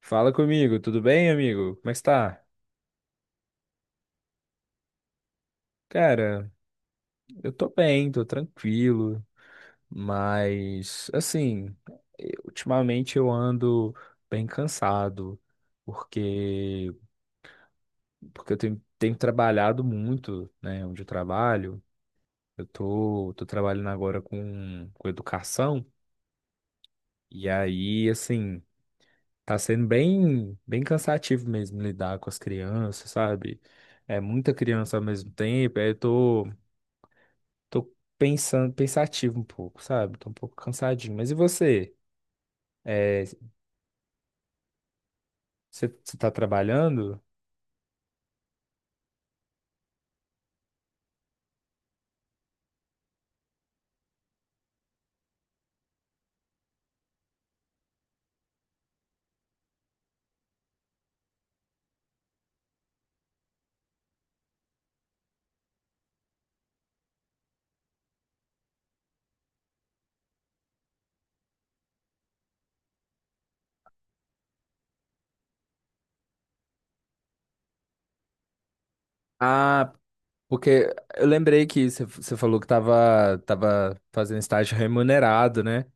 Fala comigo, tudo bem, amigo? Como é que está? Cara, eu tô bem, tô tranquilo, mas assim, ultimamente eu ando bem cansado, porque porque eu tenho trabalhado muito, né, onde eu trabalho. Eu tô trabalhando agora com educação, e aí, assim, tá sendo bem cansativo mesmo lidar com as crianças, sabe? É muita criança ao mesmo tempo, aí eu tô pensando, pensativo um pouco, sabe? Tô um pouco cansadinho. Mas e você? É, você tá trabalhando? Ah, porque eu lembrei que você falou que tava fazendo estágio remunerado, né?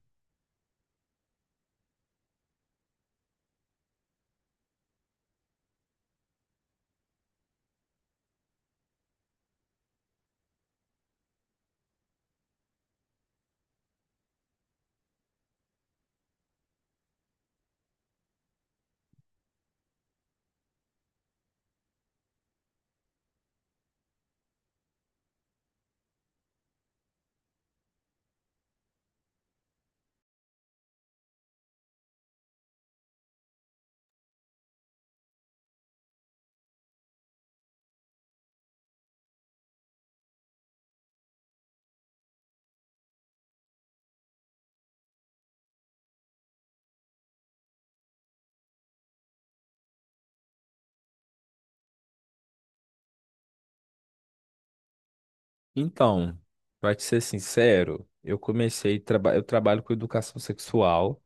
Então, pra te ser sincero, eu comecei, traba eu trabalho com educação sexual,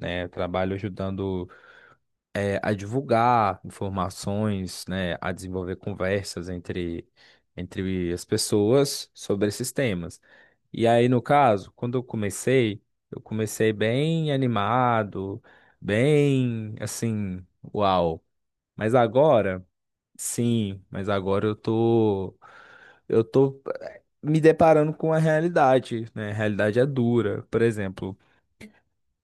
né? Eu trabalho ajudando, a divulgar informações, né, a desenvolver conversas entre as pessoas sobre esses temas. E aí, no caso, quando eu comecei bem animado, bem assim, uau. Mas agora, sim, mas agora eu tô me deparando com a realidade, né? A realidade é dura. Por exemplo,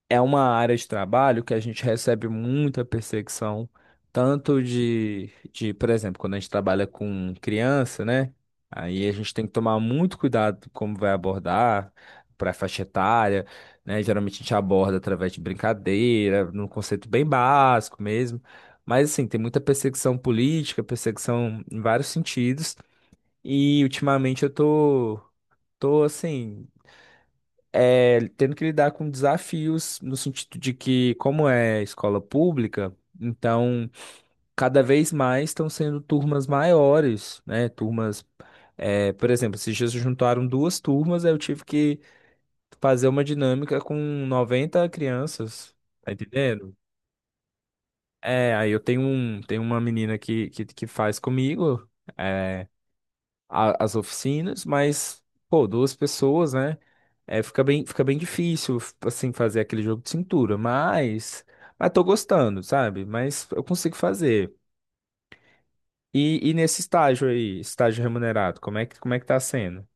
é uma área de trabalho que a gente recebe muita perseguição, tanto de, por exemplo, quando a gente trabalha com criança, né? Aí a gente tem que tomar muito cuidado como vai abordar para a faixa etária, né? Geralmente a gente aborda através de brincadeira, num conceito bem básico mesmo. Mas assim, tem muita perseguição política, perseguição em vários sentidos, e ultimamente eu tô assim, tendo que lidar com desafios no sentido de que, como é escola pública, então cada vez mais estão sendo turmas maiores, né? Turmas, é, por exemplo, esses dias se juntaram duas turmas, aí eu tive que fazer uma dinâmica com 90 crianças, tá entendendo? É, aí eu tenho uma menina que faz comigo é, a- as oficinas, mas, pô, duas pessoas, né? É, fica bem difícil, assim, fazer aquele jogo de cintura, mas tô gostando, sabe? Mas eu consigo fazer. E nesse estágio aí, estágio remunerado, como é que tá sendo?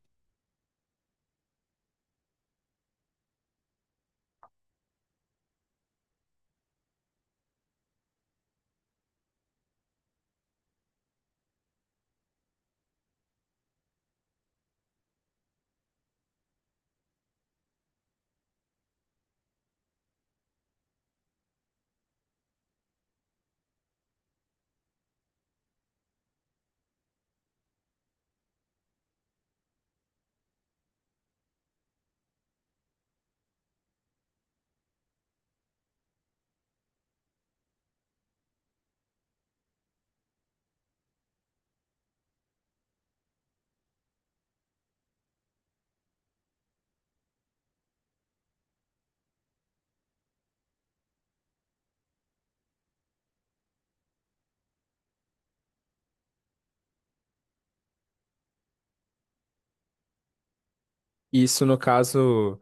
Isso no caso,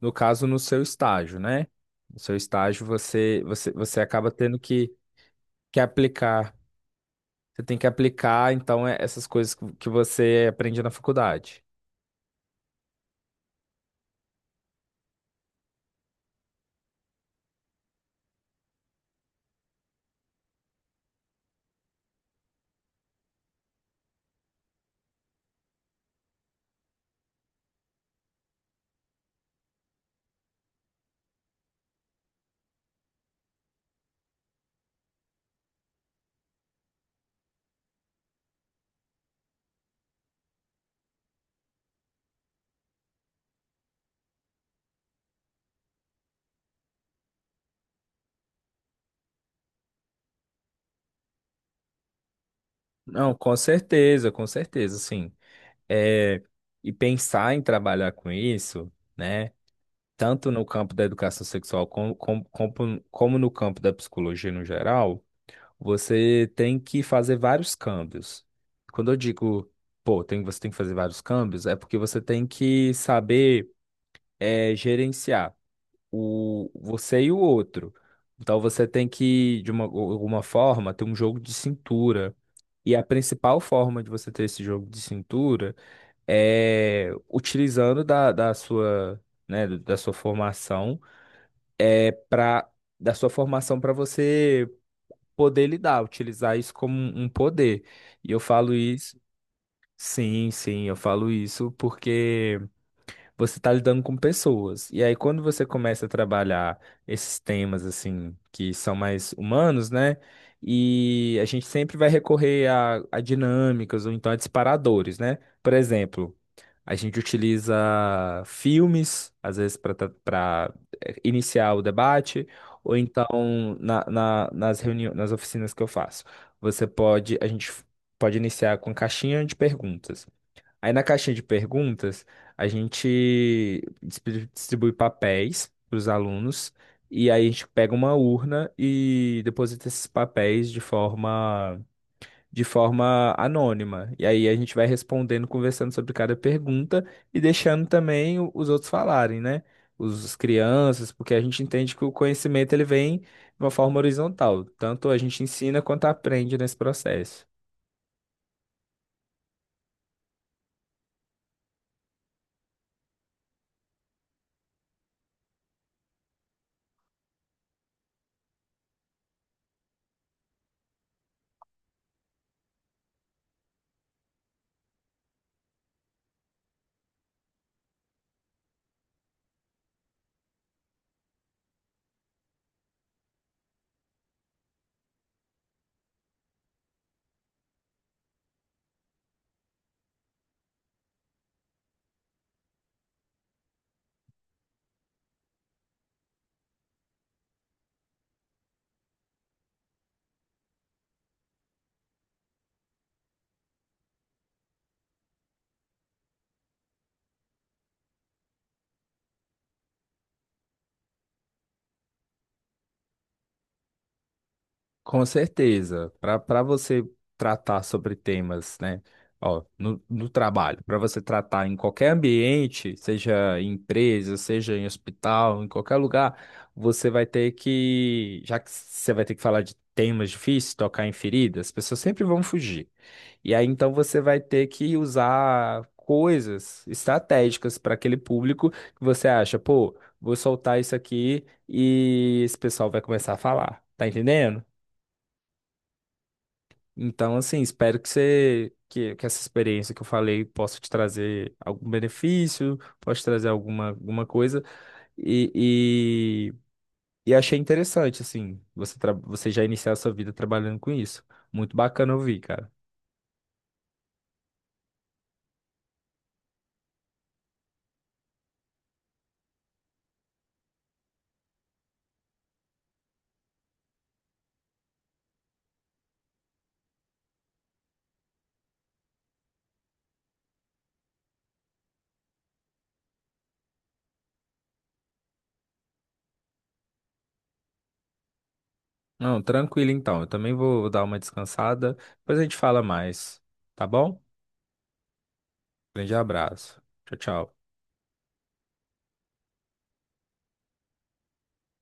no caso no seu estágio, né? No seu estágio você acaba tendo que aplicar. Você tem que aplicar, então, essas coisas que você aprende na faculdade. Não, com certeza, sim. É, e pensar em trabalhar com isso, né? Tanto no campo da educação sexual como no campo da psicologia no geral, você tem que fazer vários câmbios. Quando eu digo, pô, tem, você tem que fazer vários câmbios, é porque você tem que saber gerenciar o, você e o outro. Então você tem que, de uma, alguma forma, ter um jogo de cintura. E a principal forma de você ter esse jogo de cintura utilizando da sua, né, da sua formação, é para da sua formação para você poder lidar, utilizar isso como um poder. E eu falo isso, sim, sim, eu falo isso porque você está lidando com pessoas. E aí quando você começa a trabalhar esses temas assim que são mais humanos, né? E a gente sempre vai recorrer a dinâmicas ou então a disparadores, né? Por exemplo, a gente utiliza filmes, às vezes, para iniciar o debate, ou então nas reuniões, nas oficinas que eu faço. Você pode, a gente pode iniciar com caixinha de perguntas. Aí na caixinha de perguntas, a gente distribui papéis para os alunos, e aí a gente pega uma urna e deposita esses papéis de forma anônima. E aí a gente vai respondendo, conversando sobre cada pergunta e deixando também os outros falarem, né? As crianças, porque a gente entende que o conhecimento ele vem de uma forma horizontal. Tanto a gente ensina quanto aprende nesse processo. Com certeza, para você tratar sobre temas, né? Ó, no trabalho, para você tratar em qualquer ambiente, seja em empresa, seja em hospital, em qualquer lugar, você vai ter que, já que você vai ter que falar de temas difíceis, tocar em feridas, as pessoas sempre vão fugir. E aí então você vai ter que usar coisas estratégicas para aquele público que você acha, pô, vou soltar isso aqui e esse pessoal vai começar a falar, tá entendendo? Então, assim, espero que que essa experiência que eu falei possa te trazer algum benefício, possa te trazer alguma, alguma coisa. E, e, e achei interessante, assim, você já iniciar a sua vida trabalhando com isso. Muito bacana ouvir, cara. Não, tranquilo então. Eu também vou dar uma descansada. Depois a gente fala mais, tá bom? Grande abraço. Tchau, tchau.